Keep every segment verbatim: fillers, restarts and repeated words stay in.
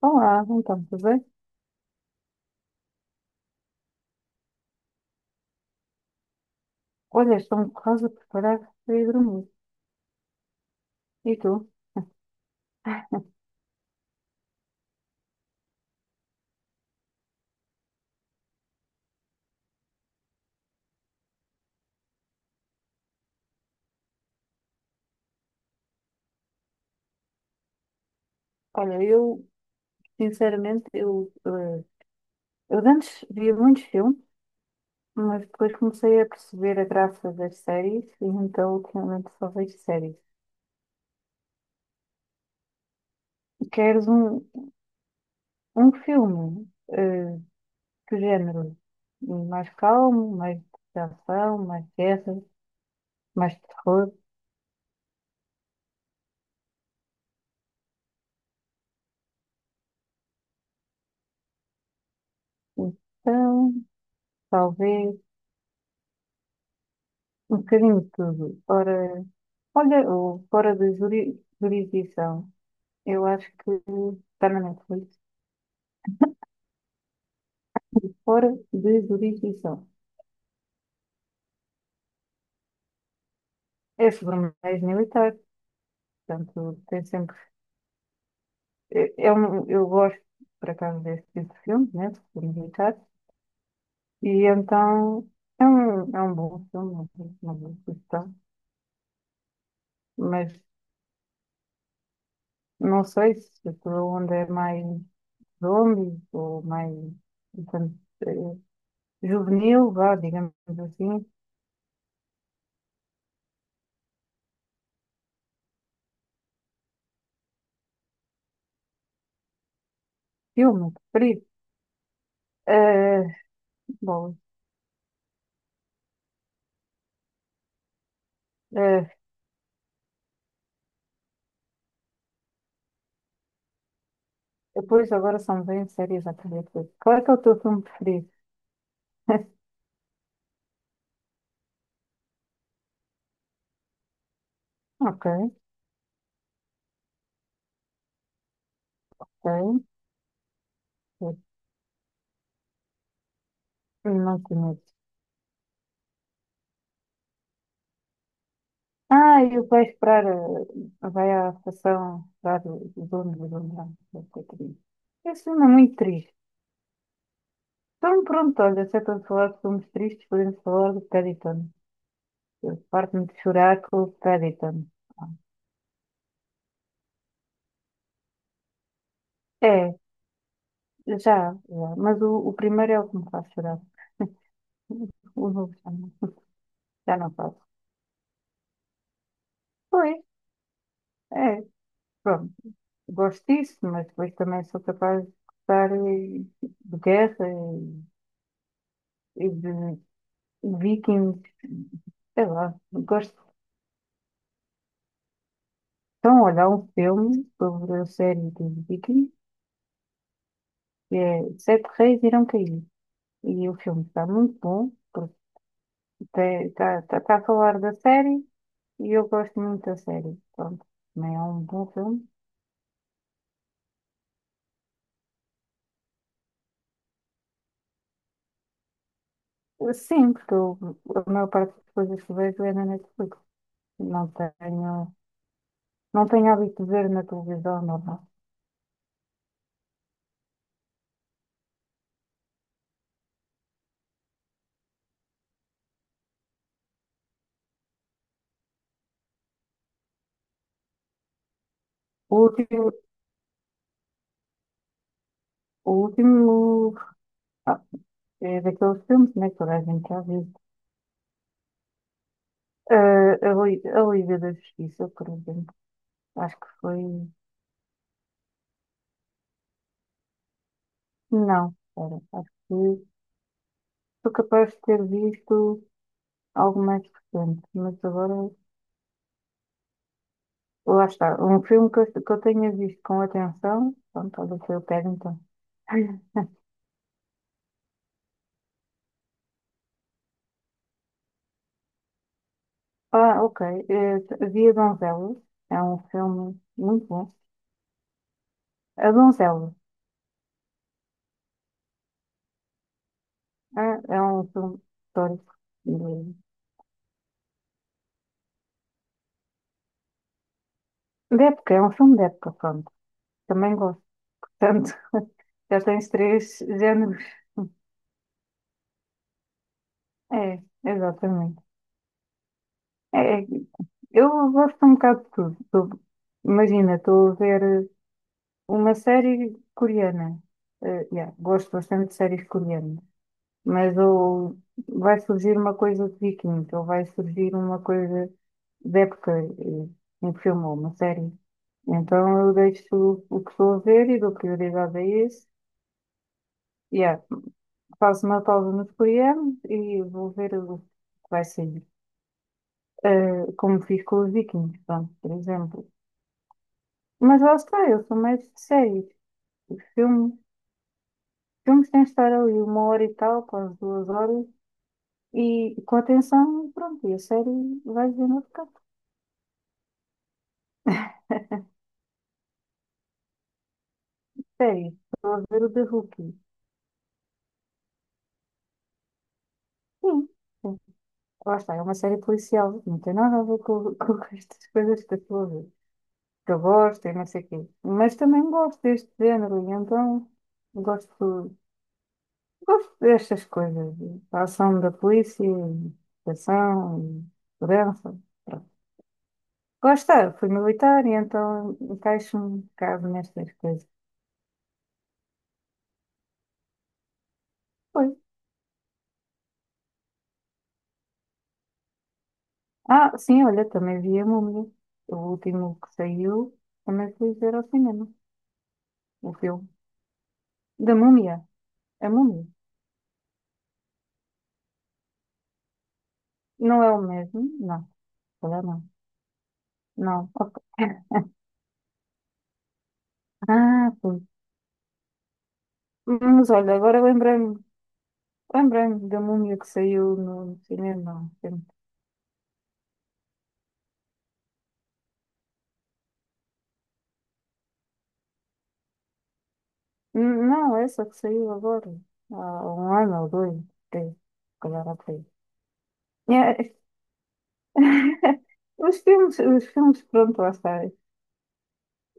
Olá, então, tudo bem? Olha, estou me quase a preparar para ir dormir. E tu? Olha, eu, sinceramente, eu, eh, eu de antes via muitos filmes, mas depois comecei a perceber a graça das séries, e então ultimamente só vejo séries. Queres um, um filme, eh, que género? Mais calmo, mais de ação, mais guerra, mais terror? Então, talvez. Um bocadinho de tudo. Ora, olha, o Fora da Juri- Jurisdição. Eu acho que está na Netflix. Fora de Jurisdição. É sobre um ex militar. Portanto, tem sempre. É, é um, eu gosto, por acaso, desse tipo de filmes, né? De filmes militares. E então, é um, é um bom filme, uma boa questão. Mas não sei se aquilo onde é mais zombies ou mais. Portanto, eh, juvenil, vá, digamos assim. Filme preferido? Eh, bom, eh, depois agora são bem sérias a primeira. Qual é que é o teu filme preferido? Ok, ok. Não conheço. Ah, e vai esperar, eh, vai à estação lá do do dono do dono. Esse filme é muito triste. Então pronto, olha, se é para falar de filmes tristes, podemos falar do Paddington. Eu parto-me de chorar com o Paddington. É, já, já. Mas o, o primeiro é o que me faz chorar. O novo já não. Já não faço. Pois, é, pronto. Gosto disso, mas depois também sou capaz de gostar eh, de guerra e, e de vikings. Sei lá, gosto. Então, olha, há um filme sobre a série de vikings que é Sete Reis Irão Cair. E o filme está muito bom, porque está a falar da série e eu gosto muito da série. Pronto, também é um bom filme. Sim, porque eu- a maior parte das coisas que vejo é na Netflix. Não tenho. Não tenho hábito de ver na televisão, normal. O último, o último ah, é daqueles filmes, né, que toda a gente já viu. Ah, a, Li- a Liga da Justiça, por exemplo. Acho que foi. Não, espera, acho que sou capaz de ter visto algo mais recente, mas agora. Lá está. Um filme que eu, que eu tenha visto com atenção. Pronto, olha o que eu pego então. Ah, ok. Eh, Via Donzelas. É um filme muito bom. A Donzela. É, é um filme histórico de, de época, é um filme de época, pronto. Também gosto. Portanto, já tens três géneros. É, exatamente. É, eu gosto um bocado de tudo. Tu- imagina, estou a ver eh, uma série coreana. Eh, yeah, gosto bastante de séries coreanas. Mas ou vai surgir uma coisa de Vikings, ou vai surgir uma coisa de época, eh, um filme ou uma série. Então eu deixo o que estou a ver e dou prioridade a esse. Yeah. Faço uma pausa nos coreanos e vou ver o que vai sair. Eh, como fiz com os Vikings, pronto, por exemplo. Mas lá está, eu sou mais de séries. Filme, filmes têm de estar ali uma hora e tal, quase duas horas, e com atenção, pronto, e a série vai ver no outro canto. Sério, estou a ver o The Rookie. Sim, sim. Lá está, é uma série policial. Não tem nada a ver com, com estas coisas que eu estou a ver. Que eu gosto e não sei o quê. Mas também gosto deste género, e então gosto, gosto destas coisas. A ação da polícia, a ação, e segurança. Pronto. Lá fui militar e então encaixo-me um bocado nestas coisas. Pois. Ah, sim, olha, também vi a Múmia. O último que saiu, também fui ver ao cinema. O filme. Da múmia? A múmia? Não é o mesmo? Não, se calhar não. Não, ok. Ah, pois. Mas olha, agora lembrei-me, lembrei-me da múmia que saiu no cinema há um tempo. N- Não, essa que saiu agora. Há um ano ou dois, três, se calhar há três. É. Os filmes, os filmes, pronto, lá está.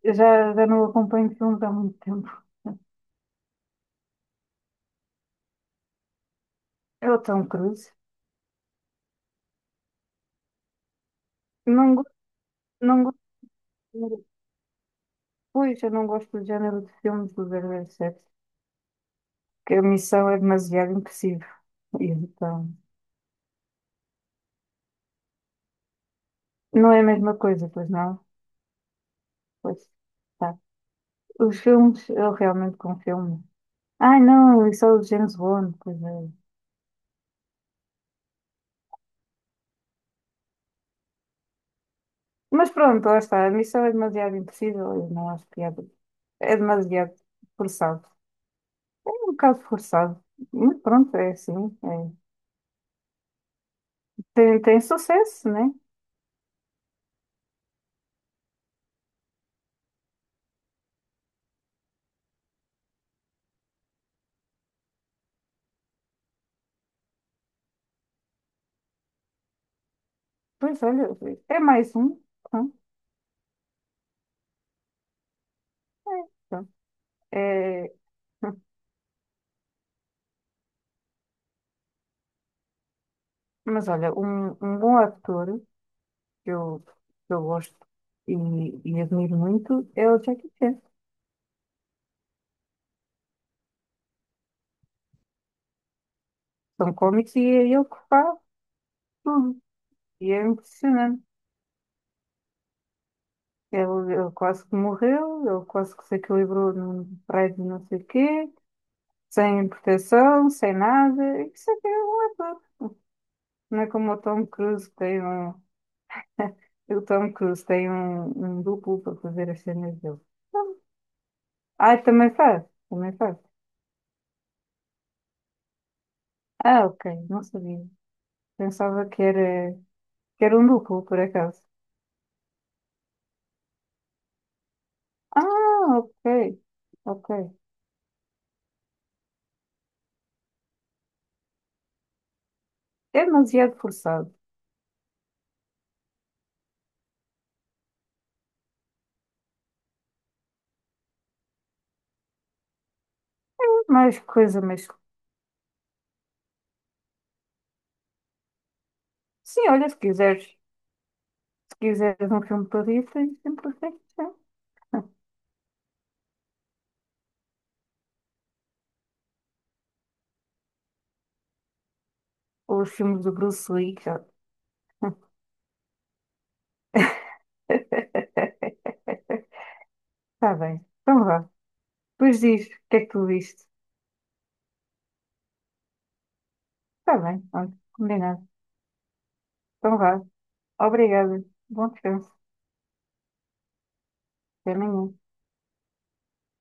Eu já, já não acompanho filmes há muito tempo. É o Tom Cruise. Não, go- não gosto, pois, eu não gosto do género de filmes do zero zero sete que a missão é demasiado impossível. E então, não é a mesma coisa, pois não? Pois, tá. Os filmes, eu realmente confio confirmo. Ai, não, isso é o James Bond, pois é. Mas pronto, lá está. A missão é demasiado impossível e não acho piada. É demasiado forçado. É um bocado forçado. Mas pronto, é assim. É. Tem, tem sucesso, né? Pois olha, é mais um. Hum. É, pronto. É, mas olha, um, um bom ator que eu, que eu gosto e, e admiro muito é o Jackie Chan. São cómics e é ele que faz tudo. E é impressionante. Ele, ele quase que morreu, ele quase que se equilibrou num prédio não sei o quê, sem proteção, sem nada. Isso é que é um ator. Não é como o Tom Cruise que tem um. O Tom Cruise tem um, um duplo para fazer as cenas dele. Ah, também faz, também faz. Ah, ok, não sabia. Pensava que era, que era um duplo, por acaso. Ah, ok. Ok. É demasiado forçado. É mais coisa, mas. Sim, olha, se quiseres, se quiseres um filme para rir, tens sempre feito. Ou os filmes do Bruce Lee, já. Está bem. Então vá. Depois diz o que é que tu viste. Está bem, pronto. Combinado. Então vá. Obrigada. Bom descanso. Até amanhã.